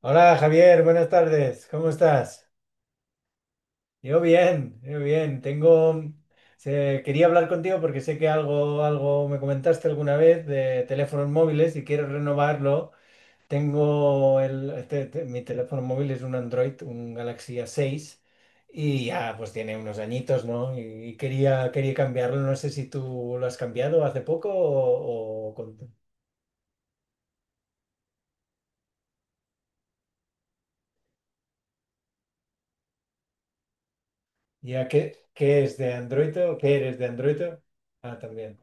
Hola Javier, buenas tardes, ¿cómo estás? Yo bien. Quería hablar contigo porque sé que algo me comentaste alguna vez de teléfonos móviles y quiero renovarlo. Tengo el, este- este- Mi teléfono móvil es un Android, un Galaxy A6, y ya pues tiene unos añitos, ¿no? Y quería cambiarlo. No sé si tú lo has cambiado hace poco o, ya ¿qué, qué es de Android o qué eres de Android? Ah, también.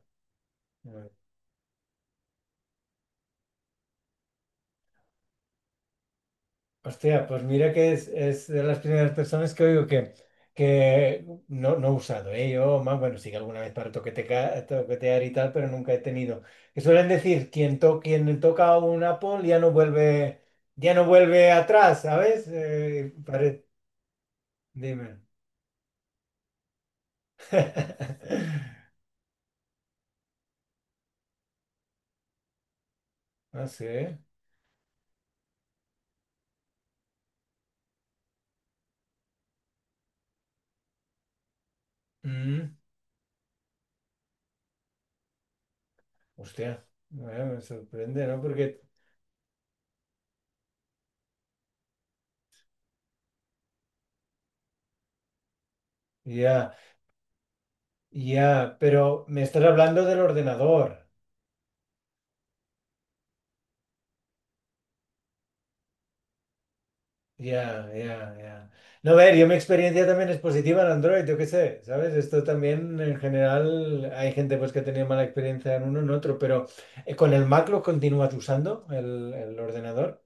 Ah. Hostia, pues mira que es de las primeras personas que oigo que no he usado, ¿eh? Yo, más, bueno, sí que alguna vez para toquetear y tal, pero nunca he tenido. Que suelen decir, quien toca un Apple ya no vuelve atrás, ¿sabes? Dime. Ah, sí. Mm. Hostia, bueno, me sorprende, ¿no? Porque ya, ya, pero me estás hablando del ordenador. Ya, ya, ya. No, a ver, yo mi experiencia también es positiva en Android, yo qué sé, ¿sabes? Esto también en general hay gente pues que tenía mala experiencia en uno, en otro, pero con el Mac lo continúas usando, el ordenador.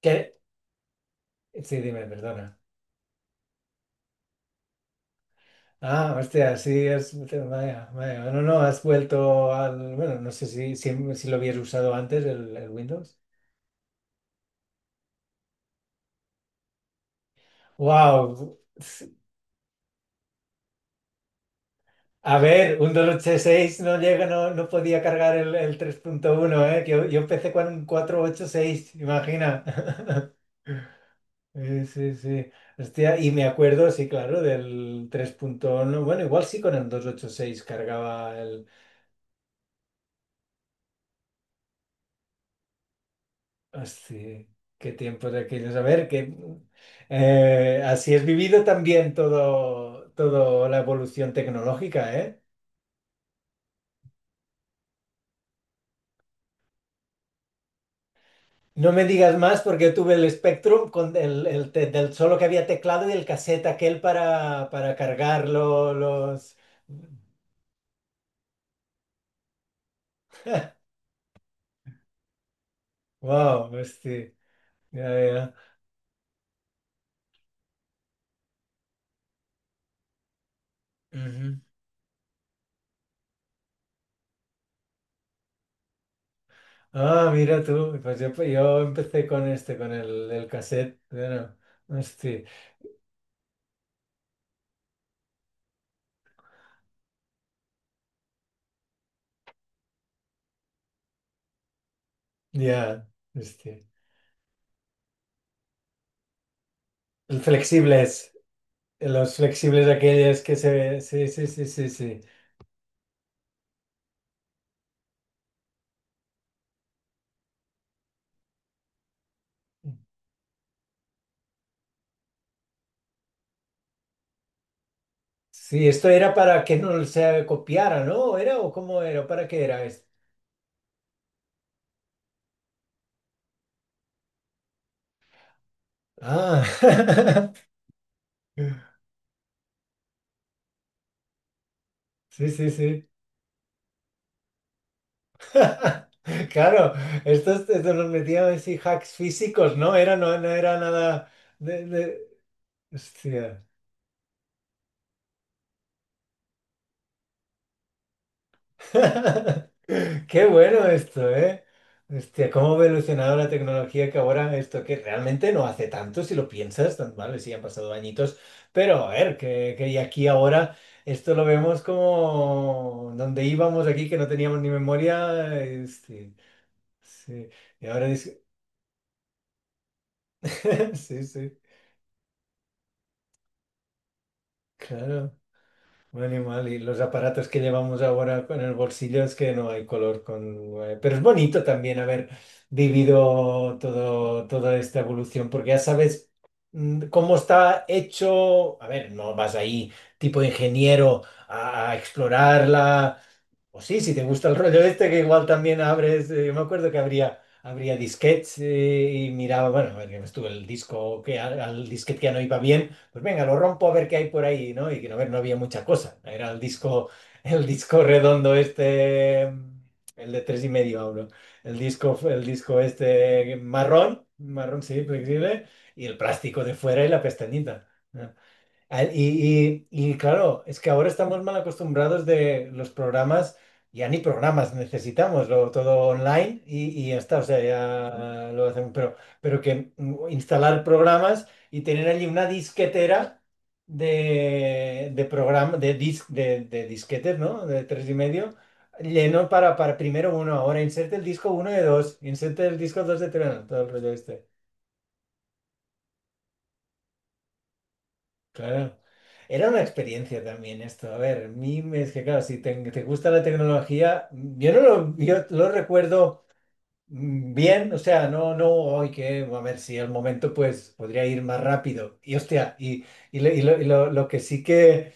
¿Qué? Sí, dime, perdona. Ah, hostia, sí, es, vaya, vaya. No, no, has vuelto al, bueno, no sé si lo habías usado antes, el Windows. Wow. A ver, un 286 no llega, no podía cargar el tres punto uno, ¿eh? Que yo empecé con un 486, imagina. Sí, sí, sí. Hostia, y me acuerdo, sí, claro, del tres punto uno. Bueno, igual sí con el 286 cargaba el... Hostia, qué tiempos aquellos. A ver, que así es vivido también todo, todo la evolución tecnológica, ¿eh? No me digas más porque yo tuve el Spectrum con el te- del solo que había teclado y el cassette aquel para cargarlo, los... Wow, hostia. Ya, ya. Ujú. Ah, mira tú. Pues yo empecé con este, con el cassette. Bueno, hostia. Ya, hostia. El flexibles. Los flexibles aquellos que se... Sí, sí, sí, sí, sí. Sí, esto era para que no se copiara, ¿no? ¿Era o cómo era? ¿Para qué era esto? Ah, sí, sí, sí. Claro, estos los metían así hacks físicos, ¿no? Era, no, no era nada de, de- Hostia. Qué bueno esto, ¿eh? Hostia, cómo ha evolucionado la tecnología, que ahora esto que realmente no hace tanto, si lo piensas, vale, sí han pasado añitos, pero a ver, que y aquí ahora esto lo vemos como donde íbamos aquí, que no teníamos ni memoria, este, sí. Y ahora, sí, sí, claro. Un animal, y los aparatos que llevamos ahora en el bolsillo es que no hay color con... Pero es bonito también haber vivido todo, toda esta evolución, porque ya sabes cómo está hecho. A ver, no vas ahí tipo ingeniero a explorarla. O sí, si te gusta el rollo este, que igual también abres. Yo me acuerdo que habría disquetes, y miraba, bueno, a ver, que estuvo el disco, que al, al disquete que ya no iba bien, pues venga, lo rompo a ver qué hay por ahí, ¿no? Y que no, a ver, no había mucha cosa. Era el disco redondo este, el de tres y medio ahora. El disco este marrón, marrón, sí, flexible, y el plástico de fuera y la pestañita. ¿No? Y, claro, es que ahora estamos mal acostumbrados de los programas, ya ni programas necesitamos, lo, todo online y ya está, o sea, ya lo hacen, pero que instalar programas y tener allí una disquetera de programa, de, dis- de disquetes, ¿no? De tres y medio, lleno para primero uno, ahora inserte el disco uno de dos, inserte el disco dos de tres, todo el rollo este. Claro. Era una experiencia también esto. A ver, es que claro, si te, te gusta la tecnología, yo no lo, yo lo recuerdo bien, o sea, no, no, hoy que, a ver si al momento pues podría ir más rápido. Y hostia, lo que sí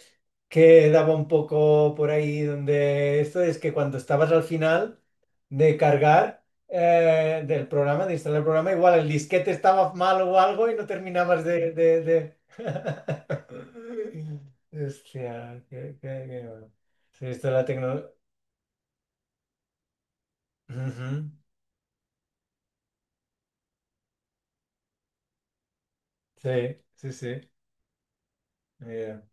que daba un poco por ahí donde esto es que cuando estabas al final de cargar del programa, de instalar el programa, igual el disquete estaba mal o algo y no terminabas de... Hostia, qué, qué bueno. Sí, esto de la tecnología... Sí, sí, sí. Ya.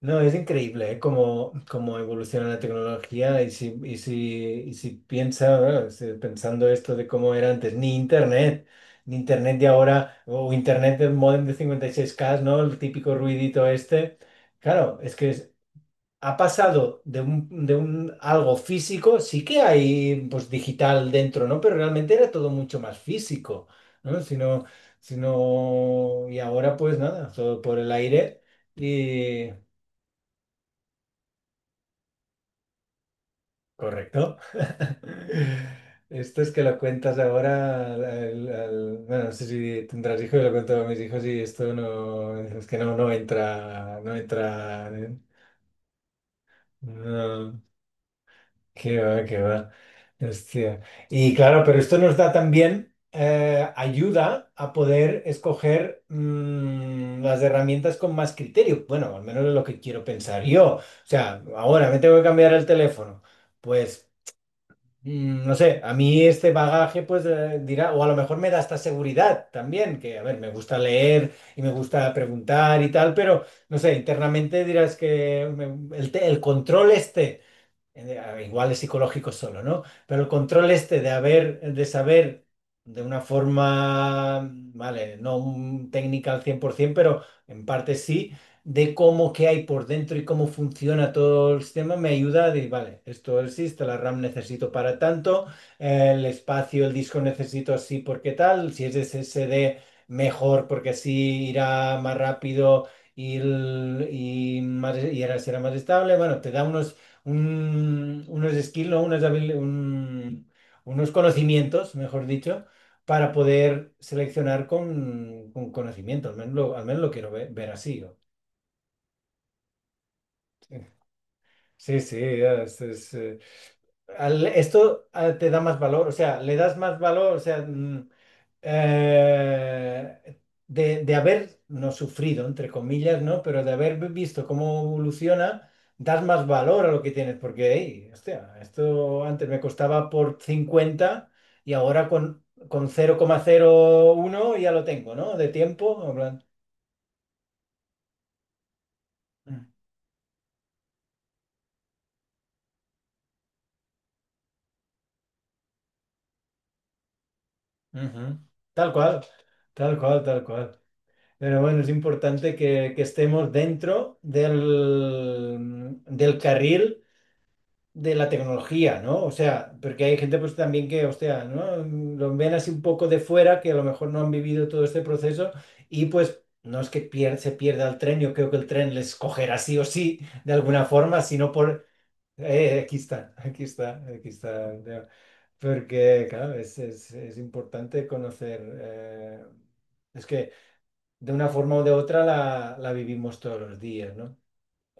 No, es increíble, ¿eh? Cómo, cómo evoluciona la tecnología, piensa, bueno, pensando esto de cómo era antes, ni internet, ni internet de ahora, o internet del módem de 56k, ¿no? El típico ruidito este. Claro, es que ha pasado de un algo físico, sí que hay pues digital dentro, ¿no? Pero realmente era todo mucho más físico, ¿no? Si no, si y ahora pues nada, todo por el aire. Correcto. Esto es que lo cuentas ahora bueno, no sé si tendrás hijos, lo cuento a mis hijos y esto no, es que no, no entra, no entra, ¿eh? No, qué va, qué va. Hostia. Y claro, pero esto nos da también, ayuda a poder escoger las herramientas con más criterio. Bueno, al menos es lo que quiero pensar yo. O sea, ahora me tengo que cambiar el teléfono. Pues no sé, a mí este bagaje pues dirá, o a lo mejor me da esta seguridad también, que a ver, me gusta leer y me gusta preguntar y tal, pero no sé, internamente dirás que el control este, igual es psicológico solo, ¿no? Pero el control este de haber, de saber de una forma, vale, no técnica al 100%, pero en parte sí, de cómo qué hay por dentro y cómo funciona todo el sistema, me ayuda a decir, vale, esto existe, la RAM necesito para tanto, el espacio, el disco necesito así porque tal, si es SSD, mejor porque así irá más rápido y, y, y ahora será más estable. Bueno, te da unos unos skills, ¿no? Unas unos conocimientos, mejor dicho, para poder seleccionar con conocimiento. Al menos lo quiero ver, así. ¿No? Sí, sí, ya, esto te da más valor, o sea, le das más valor, o sea, eh, de haber no sufrido, entre comillas, ¿no? Pero de haber visto cómo evoluciona, das más valor a lo que tienes, porque, hey, hostia, esto antes me costaba por 50 y ahora con cero cero coma cero uno ya lo tengo, ¿no? De tiempo, en plan, mm, ujú, tal cual, tal cual, tal cual. Pero bueno, es importante que estemos dentro del, del carril de la tecnología, ¿no? O sea, porque hay gente pues también que, hostia, ¿no? Lo ven así un poco de fuera, que a lo mejor no han vivido todo este proceso, y pues no es que se pierda el tren, yo creo que el tren les cogerá sí o sí, de alguna forma, sino por... aquí está, aquí está, aquí está, ya. Porque, claro, es importante conocer... es que de una forma o de otra la, la vivimos todos los días, ¿no?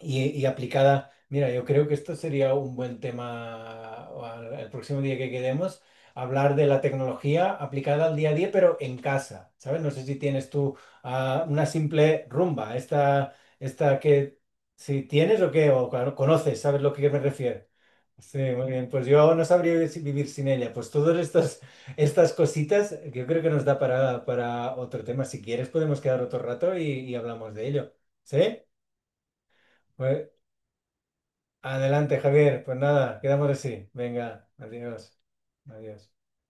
Y, y aplicada, mira, yo creo que esto sería un buen tema o el próximo día que quedemos, hablar de la tecnología aplicada al día a día, pero en casa, ¿sabes? No sé si tienes tú una simple rumba, esta que si tienes o qué, o claro, conoces, ¿sabes lo que me refiero? Sí, muy bien, pues yo no sabría vivir sin ella. Pues todas estas, estas cositas, yo creo que nos da para otro tema. Si quieres, podemos quedar otro rato y hablamos de ello. ¿Sí? Pues adelante, Javier. Pues nada, quedamos así. Venga, adiós. Adiós.